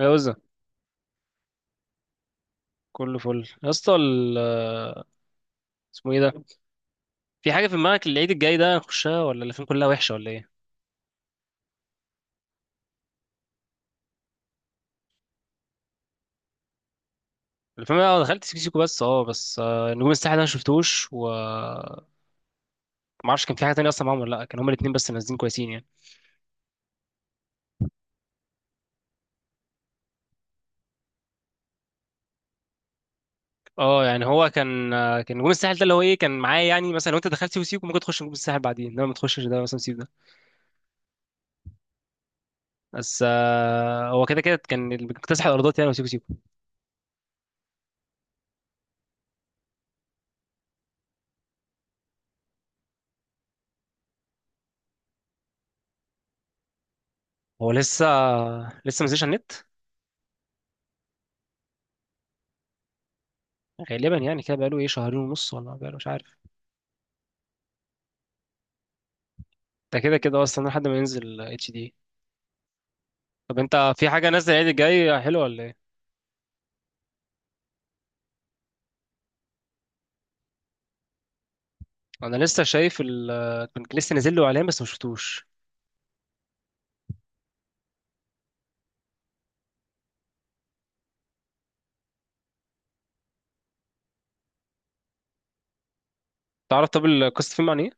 جوزة. كله فل يا اسطى اسمه ايه ده؟ في حاجه في دماغك العيد الجاي ده؟ نخشها ولا الافلام كلها وحشه ولا ايه؟ الفيلم ده دخلت سيكو سيكو، بس نجوم الساحل ده ما شفتوش. و ما اعرفش كان في حاجه تانية اصلا معاهم ولا لا، كان هما الاثنين بس نازلين كويسين يعني. اه يعني هو كان نجوم الساحل ده اللي هو ايه كان معايا، يعني مثلا لو انت دخلت سيكو سيكو ممكن تخش نجوم الساحل بعدين، انما ما تخشش ده مثلا، سيكو ده. بس هو كده كده كان اللي بيكتسح الارضات يعني، هو سيكو سيكو. هو لسه ما نزلش على النت. غالبا يعني كده، بقاله ايه، شهرين ونص، ولا بقاله مش عارف. ده كده كده اصلا لحد ما ينزل HD. طب انت في حاجه نازله العيد الجاي حلوه ولا ايه؟ انا لسه شايف كنت لسه نازل له اعلان، بس ما شفتوش. تعرف، طب القصه، فيلم عن ايه؟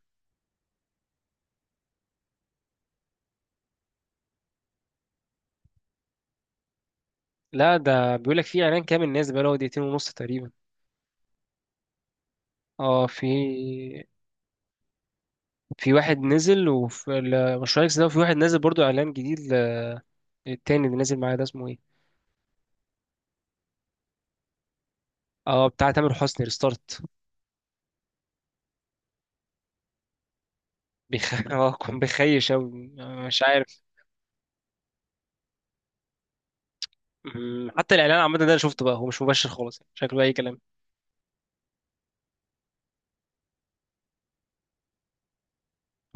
لا ده بيقول لك في اعلان كامل نازل، بقاله دقيقتين ونص تقريبا. اه، في واحد نزل وفي المشروع اكس ده، وفي واحد نازل برضو اعلان جديد التاني اللي نازل معايا ده اسمه ايه؟ اه، بتاع تامر حسني، ريستارت. اه كان بيخيش اوي. مش عارف. حتى الاعلان عامه ده انا شفته بقى، هو مش مباشر خالص يعني. شكله اي كلام.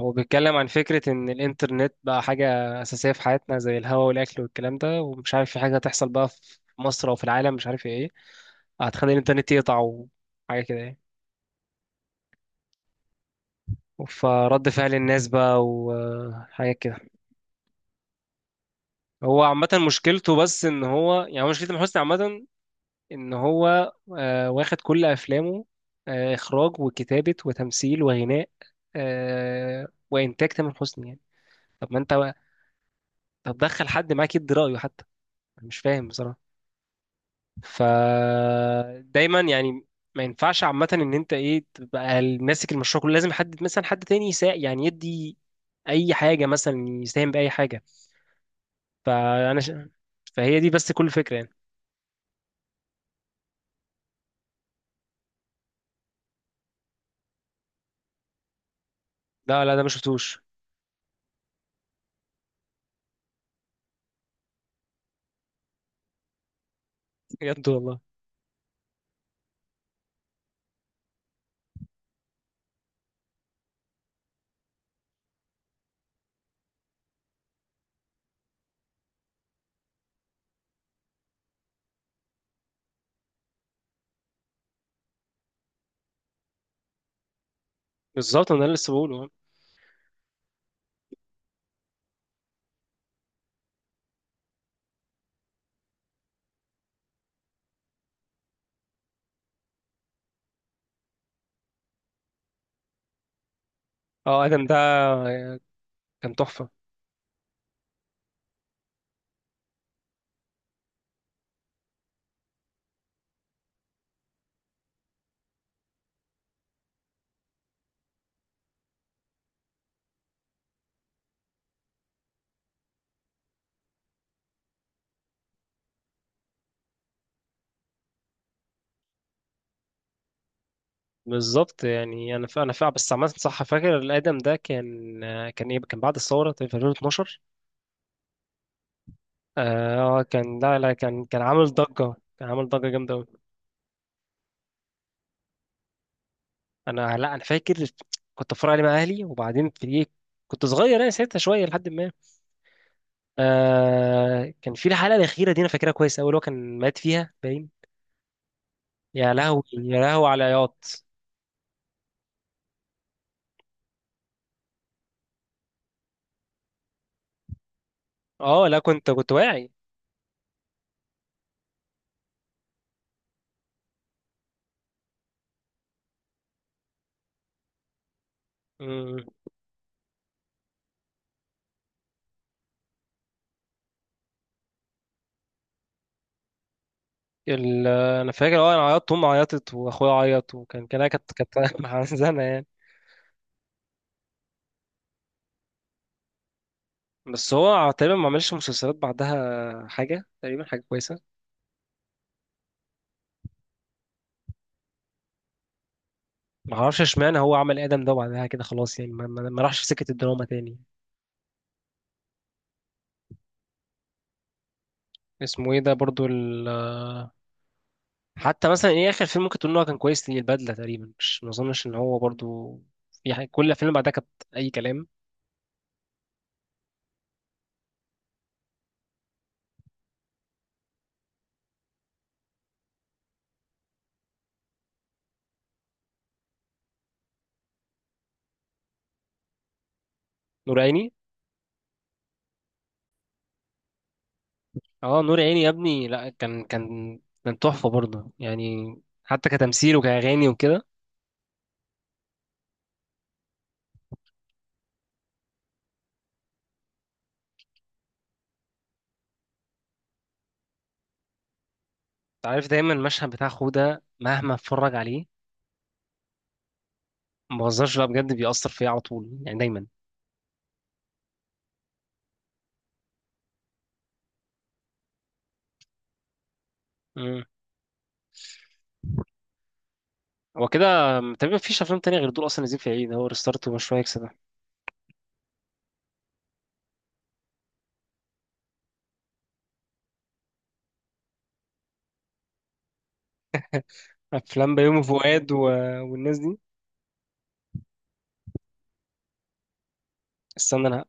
هو بيتكلم عن فكرة إن الإنترنت بقى حاجة أساسية في حياتنا زي الهواء والأكل والكلام ده، ومش عارف في حاجة هتحصل بقى في مصر أو في العالم، مش عارف إيه، هتخلي الإنترنت يقطع وحاجة كده يعني. فرد فعل الناس بقى وحاجة كده. هو عامة مشكلته بس إن هو، يعني هو مشكلة تامر حسني عامة، إن هو واخد كل أفلامه، إخراج وكتابة وتمثيل وغناء، وإنتاج تامر حسني يعني. طب ما أنت بقى- طب دخل حد معاك يدي رأيه حتى؟ أنا مش فاهم بصراحة. فدايما يعني ما ينفعش عامة ان انت ايه، تبقى ماسك المشروع كله، لازم حد مثلا، حد تاني يعني يدي اي حاجة مثلا، يساهم بأي حاجة. فانا ش... فهي دي بس كل فكرة يعني. لا، لا، ده ما شفتوش. بجد والله. بالظبط، انا لسه بقوله. اه، ادم ده كان تحفة. بالظبط، يعني انا فاهم. بس عامة صح، فاكر الادم ده كان، كان ايه، كان بعد الثورة في 2012. اه كان، لا، لا، كان عامل ضجة، كان عامل ضجة جامدة. انا، لا، انا فاكر. كنت اتفرج عليه مع اهلي، وبعدين في ايه، كنت صغير يعني ساعتها شويه، لحد ما... كان في الحلقه الاخيره دي، انا فاكرها كويس قوي، اللي هو كان مات فيها باين. يا لهوي يا لهوي على عياط. اه، لا، كنت واعي. مم. ال... انا فاكر، اه انا عيطت، امي عيطت، واخويا عيط، وكان كان كانت كانت محزنه يعني. بس هو تقريبا ما عملش مسلسلات بعدها حاجه، تقريبا حاجه كويسه. ما اعرفش اشمعنى هو عمل ادم ده، وبعدها كده خلاص يعني، ما راحش في سكه الدراما تاني. اسمه ايه ده برضو؟ حتى مثلا ايه، اخر فيلم ممكن تقول ان هو كان كويس، ليه، البدله تقريبا، مش، ما اظنش ان هو برضو في حاجة. كل الافلام اللي بعدها كانت اي كلام. نور عيني. اه، نور عيني يا ابني، لا كان، كان تحفه برضه يعني. حتى كتمثيل وكاغاني وكده. انت عارف دايما المشهد بتاع خو ده، مهما اتفرج عليه ما بهزرش، لا بجد بيأثر فيا على طول يعني دايما. مم. هو كده. تقريبا مفيش افلام تانية غير دول اصلا نازلين في العيد، هو ريستارت ومشروع اكس ده. افلام بيومي فؤاد والناس دي. استنى، انا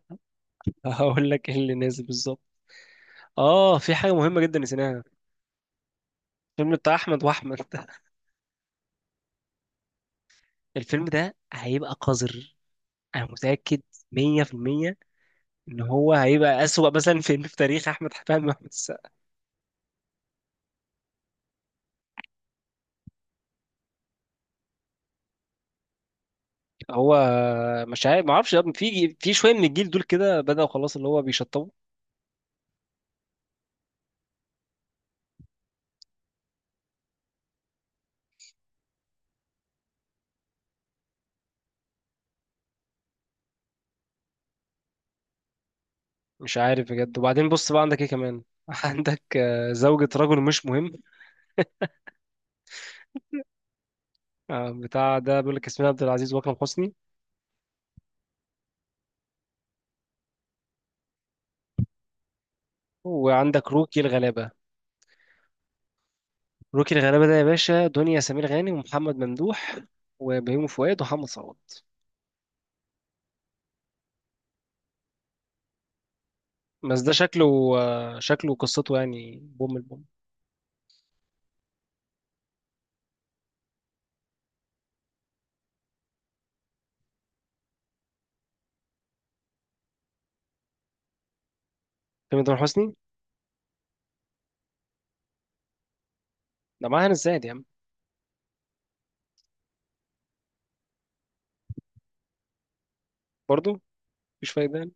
هقول لك ايه اللي نازل بالظبط. اه، في حاجة مهمة جدا نسيناها. الفيلم بتاع أحمد وأحمد. الفيلم ده هيبقى قذر، أنا متأكد 100%، إن هو هيبقى أسوأ مثلا فيلم في تاريخ أحمد فهمي وأحمد السقا. هو مش عارف، ما اعرفش يا ابني، في شوية من الجيل دول كده بدأوا خلاص اللي هو بيشطبوا. مش عارف بجد. وبعدين بص بقى، عندك إيه كمان، عندك زوجة رجل مش مهم. بتاع ده بيقول لك ياسمين عبد العزيز وأكرم حسني. وعندك روكي الغلابة. روكي الغلابة ده يا باشا، دنيا سمير غانم ومحمد ممدوح وبيومي فؤاد ومحمد صوت. بس ده شكله قصته يعني، بوم البوم. فيلم تامر حسني ده معاه هنا الزاهد يا عم. برضه مفيش فايدة يعني.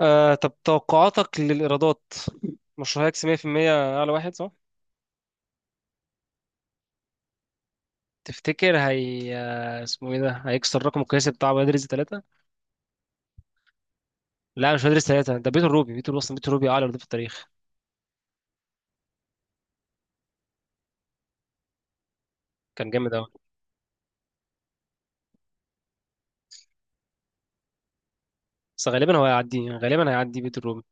طب، توقعاتك للإيرادات. مشروع هيكسب 100%. أعلى واحد صح؟ تفتكر هي اسمه ايه ده هيكسر الرقم القياسي بتاع ولاد رزق 3؟ لا، مش ولاد رزق 3. ده بيت الروبي، بيت الروبي أصلا، بيت الروبي أعلى إيرادات في التاريخ. كان جامد أوي. بس غالبا هو هيعديه، غالبا هيعدي بيت الروبي.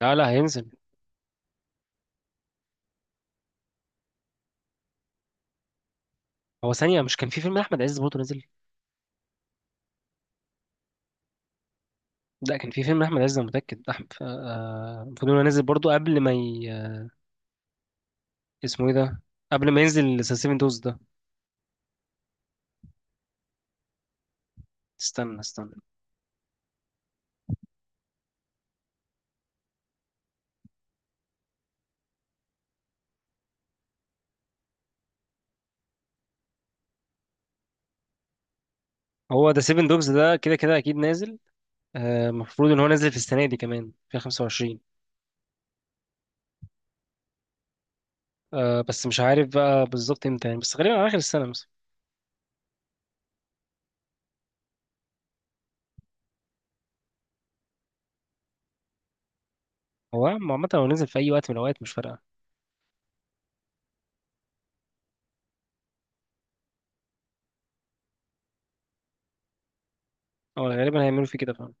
لا، لا، هينزل. هو ثانية، مش كان في فيلم أحمد عز برضه نزل؟ لا كان في فيلم أحمد عز، أنا متأكد، أحمد، المفروض إنه نزل برضه قبل ما اسمه إيه ده؟ قبل ما ينزل ذا سيفن دوز ده. استنى، استنى. هو ذا سيفن دوز ده كده كده أكيد نازل. المفروض إن هو نازل في السنة دي كمان في 25. بس مش عارف بقى بالظبط إمتى يعني، بس غالبا على آخر السنة مثلا. هو عامة لو نزل في أي وقت من الأوقات مش فارقة. هو غالبا هيعملوا فيه كده فعلا.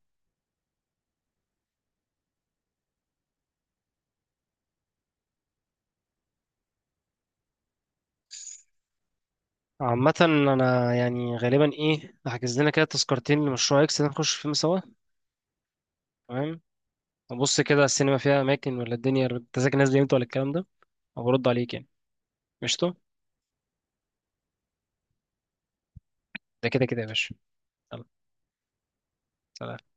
عامة، أنا يعني غالبا إيه، هحجز لنا كده تذكرتين لمشروع إكس ده، نخش فيلم سوا. تمام. بص كده السينما فيها اماكن، ولا الدنيا التذاكر نازله امتى ولا الكلام ده؟ او برد عليك يعني. قشطه. ده كده كده يا باشا. يلا، سلام.